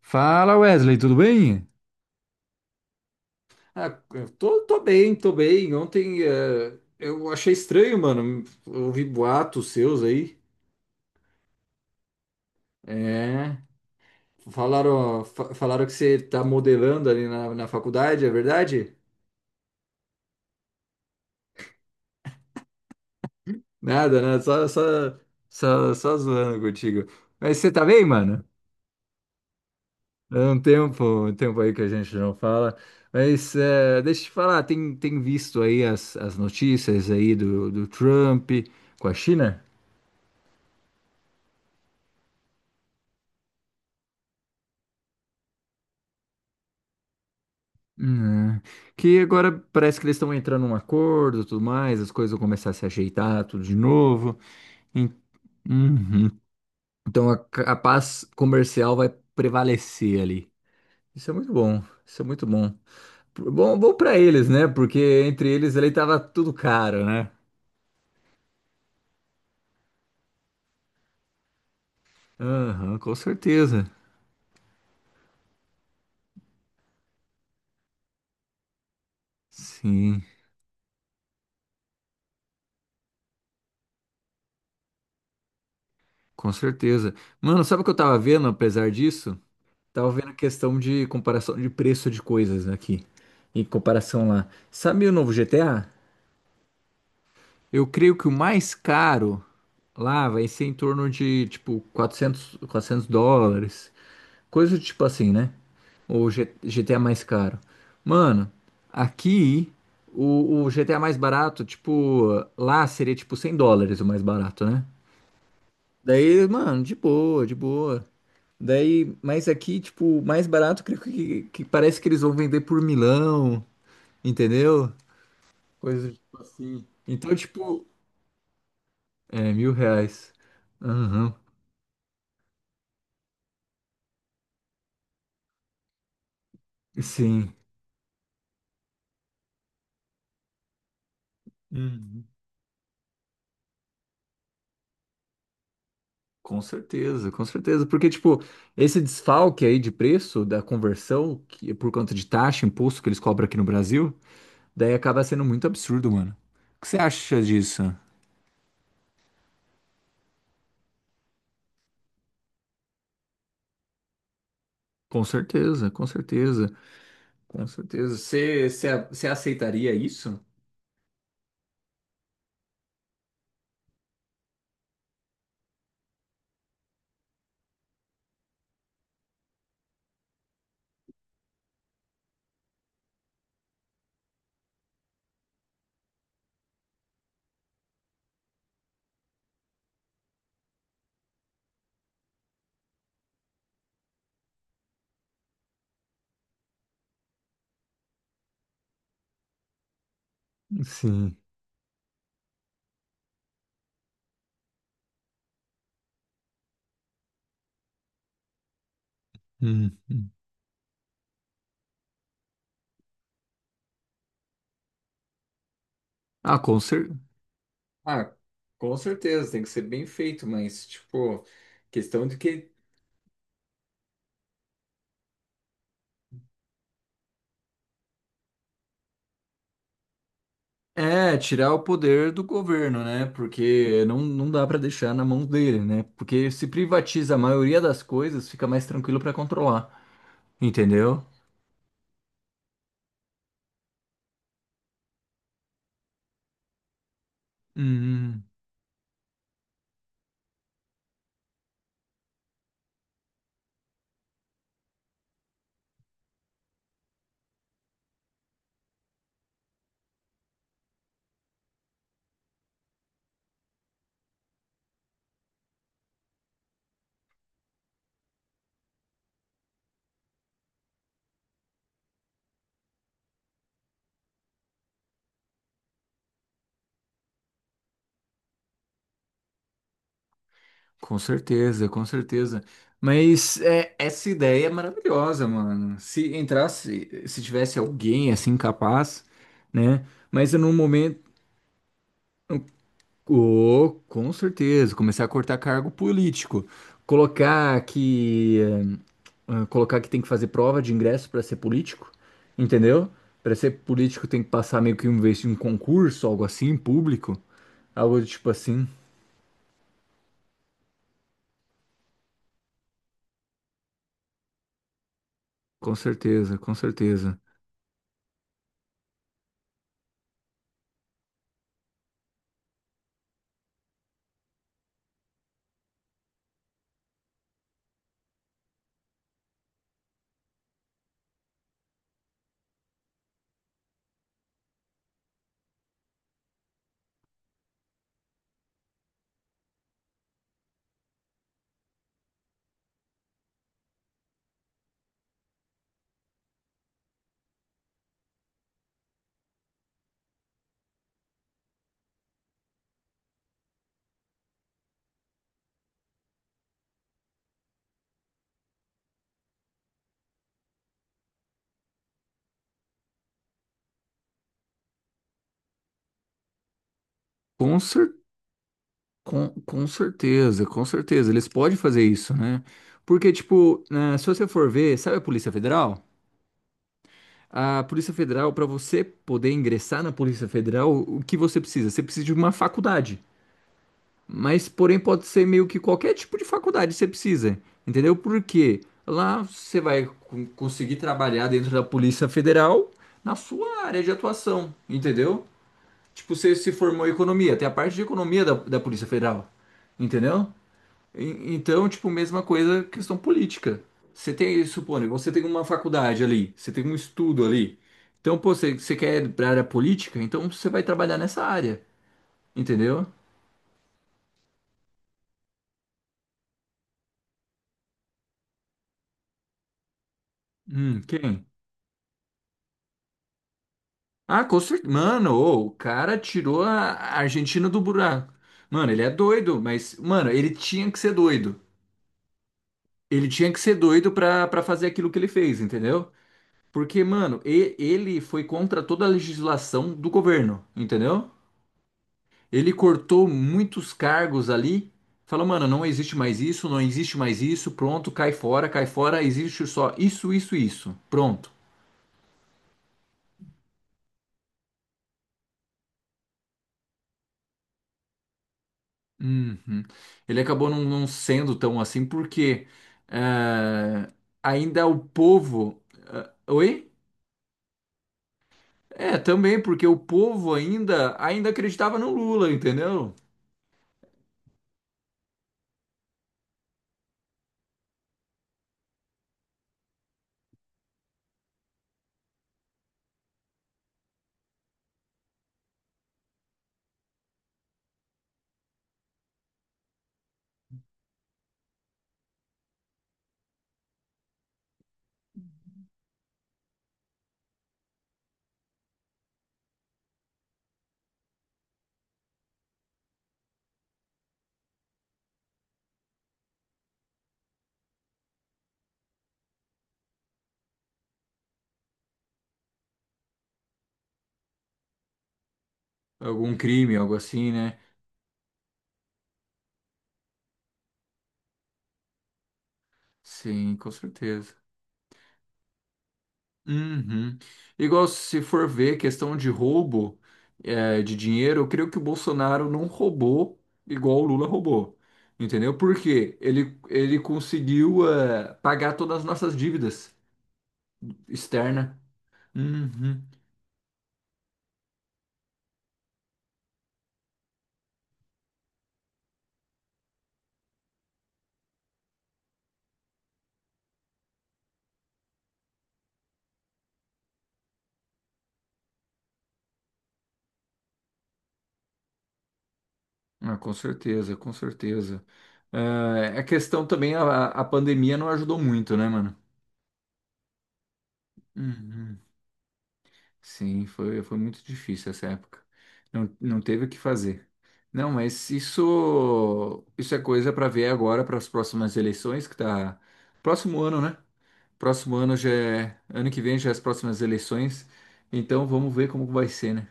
Fala Wesley, tudo bem? Ah, eu tô bem, tô bem. Ontem eu achei estranho, mano. Eu ouvi boatos seus aí. É. Falaram que você tá modelando ali na faculdade, é verdade? Nada, né? Só zoando contigo. Mas você tá bem, mano? É um tempo aí que a gente não fala. Mas deixa eu te falar, tem visto aí as notícias aí do Trump com a China? Hum, que agora parece que eles estão entrando num acordo, e tudo mais, as coisas vão começar a se ajeitar, tudo de novo. En- Uhum. Então a paz comercial vai prevalecer ali. Isso é muito bom, isso é muito bom. Bom para eles, né? Porque entre eles ali tava tudo caro, né? Aham, com certeza. Sim, com certeza. Mano, sabe o que eu tava vendo, apesar disso? Tava vendo a questão de comparação de preço de coisas aqui, em comparação lá. Sabe o novo GTA? Eu creio que o mais caro lá vai ser em torno de, tipo, quatrocentos dólares. Coisa do tipo assim, né? O GTA mais caro. Mano, aqui o GTA mais barato, tipo, lá seria tipo US$ 100 o mais barato, né? Daí, mano, de boa, de boa. Daí, mas aqui, tipo, o mais barato, creio que parece que eles vão vender por milão, entendeu? Coisa do tipo assim. Então, tipo, é, R$ 1.000. Aham. Sim. Uhum. Com certeza, com certeza. Porque, tipo, esse desfalque aí de preço da conversão, que é por conta de taxa, imposto que eles cobram aqui no Brasil, daí acaba sendo muito absurdo, mano. O que você acha disso? Com certeza, com certeza, com certeza. Você aceitaria isso? Sim. Uhum. Ah, com cer... Ah, com certeza, tem que ser bem feito, mas, tipo, questão de que. É, tirar o poder do governo, né? Porque não dá para deixar na mão dele, né? Porque se privatiza a maioria das coisas, fica mais tranquilo para controlar, entendeu? Hum, com certeza, com certeza. Mas é, essa ideia é maravilhosa, mano. Se entrasse, se tivesse alguém assim capaz, né? Mas no momento. Oh, com certeza, começar a cortar cargo político, colocar que colocar que tem que fazer prova de ingresso para ser político, entendeu? Para ser político tem que passar meio que um vez em um concurso, algo assim, público, algo do tipo assim. Com certeza, com certeza. Com cer com certeza, com certeza, eles podem fazer isso, né? Porque tipo, se você for ver, sabe a Polícia Federal? A Polícia Federal, para você poder ingressar na Polícia Federal, o que você precisa? Você precisa de uma faculdade. Mas, porém, pode ser meio que qualquer tipo de faculdade você precisa. Entendeu? Porque lá você vai conseguir trabalhar dentro da Polícia Federal na sua área de atuação. Entendeu? Tipo, você se formou em economia, tem a parte de economia da Polícia Federal. Entendeu? Então, tipo, mesma coisa, questão política. Você tem, suponho, você tem uma faculdade ali, você tem um estudo ali. Então, pô, você quer ir pra área política? Então você vai trabalhar nessa área, entendeu? Quem? Ah, com certeza. Mano, ô, o cara tirou a Argentina do buraco. Mano, ele é doido, mas, mano, ele tinha que ser doido. Ele tinha que ser doido pra fazer aquilo que ele fez, entendeu? Porque, mano, ele foi contra toda a legislação do governo, entendeu? Ele cortou muitos cargos ali. Falou, mano, não existe mais isso, não existe mais isso, pronto, cai fora, existe só isso, isso, isso, pronto. Uhum. Ele acabou não sendo tão assim, porque eh, ainda o povo. Oi? É, também, porque o povo ainda acreditava no Lula, entendeu? Algum crime, algo assim, né? Sim, com certeza. Uhum. Igual se for ver questão de roubo é, de dinheiro, eu creio que o Bolsonaro não roubou igual o Lula roubou. Entendeu? Porque ele conseguiu é, pagar todas as nossas dívidas externas. Uhum. Ah, com certeza, com certeza. É, a questão também, a pandemia não ajudou muito, né, mano? Uhum. Sim, foi muito difícil essa época. Não teve o que fazer. Não, mas isso, é coisa para ver agora para as próximas eleições, que tá próximo ano, né? Próximo ano já é, ano que vem já é as próximas eleições. Então vamos ver como vai ser, né?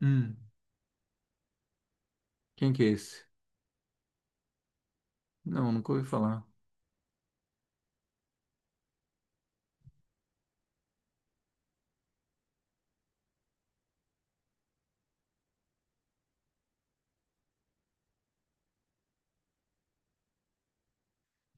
Hum, quem que é esse? Não, nunca ouvi falar.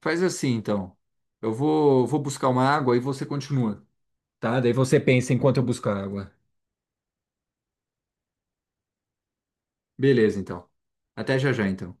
Faz assim, então. Eu vou buscar uma água e você continua, tá? Daí você pensa enquanto eu buscar água. Beleza, então. Até já já, então.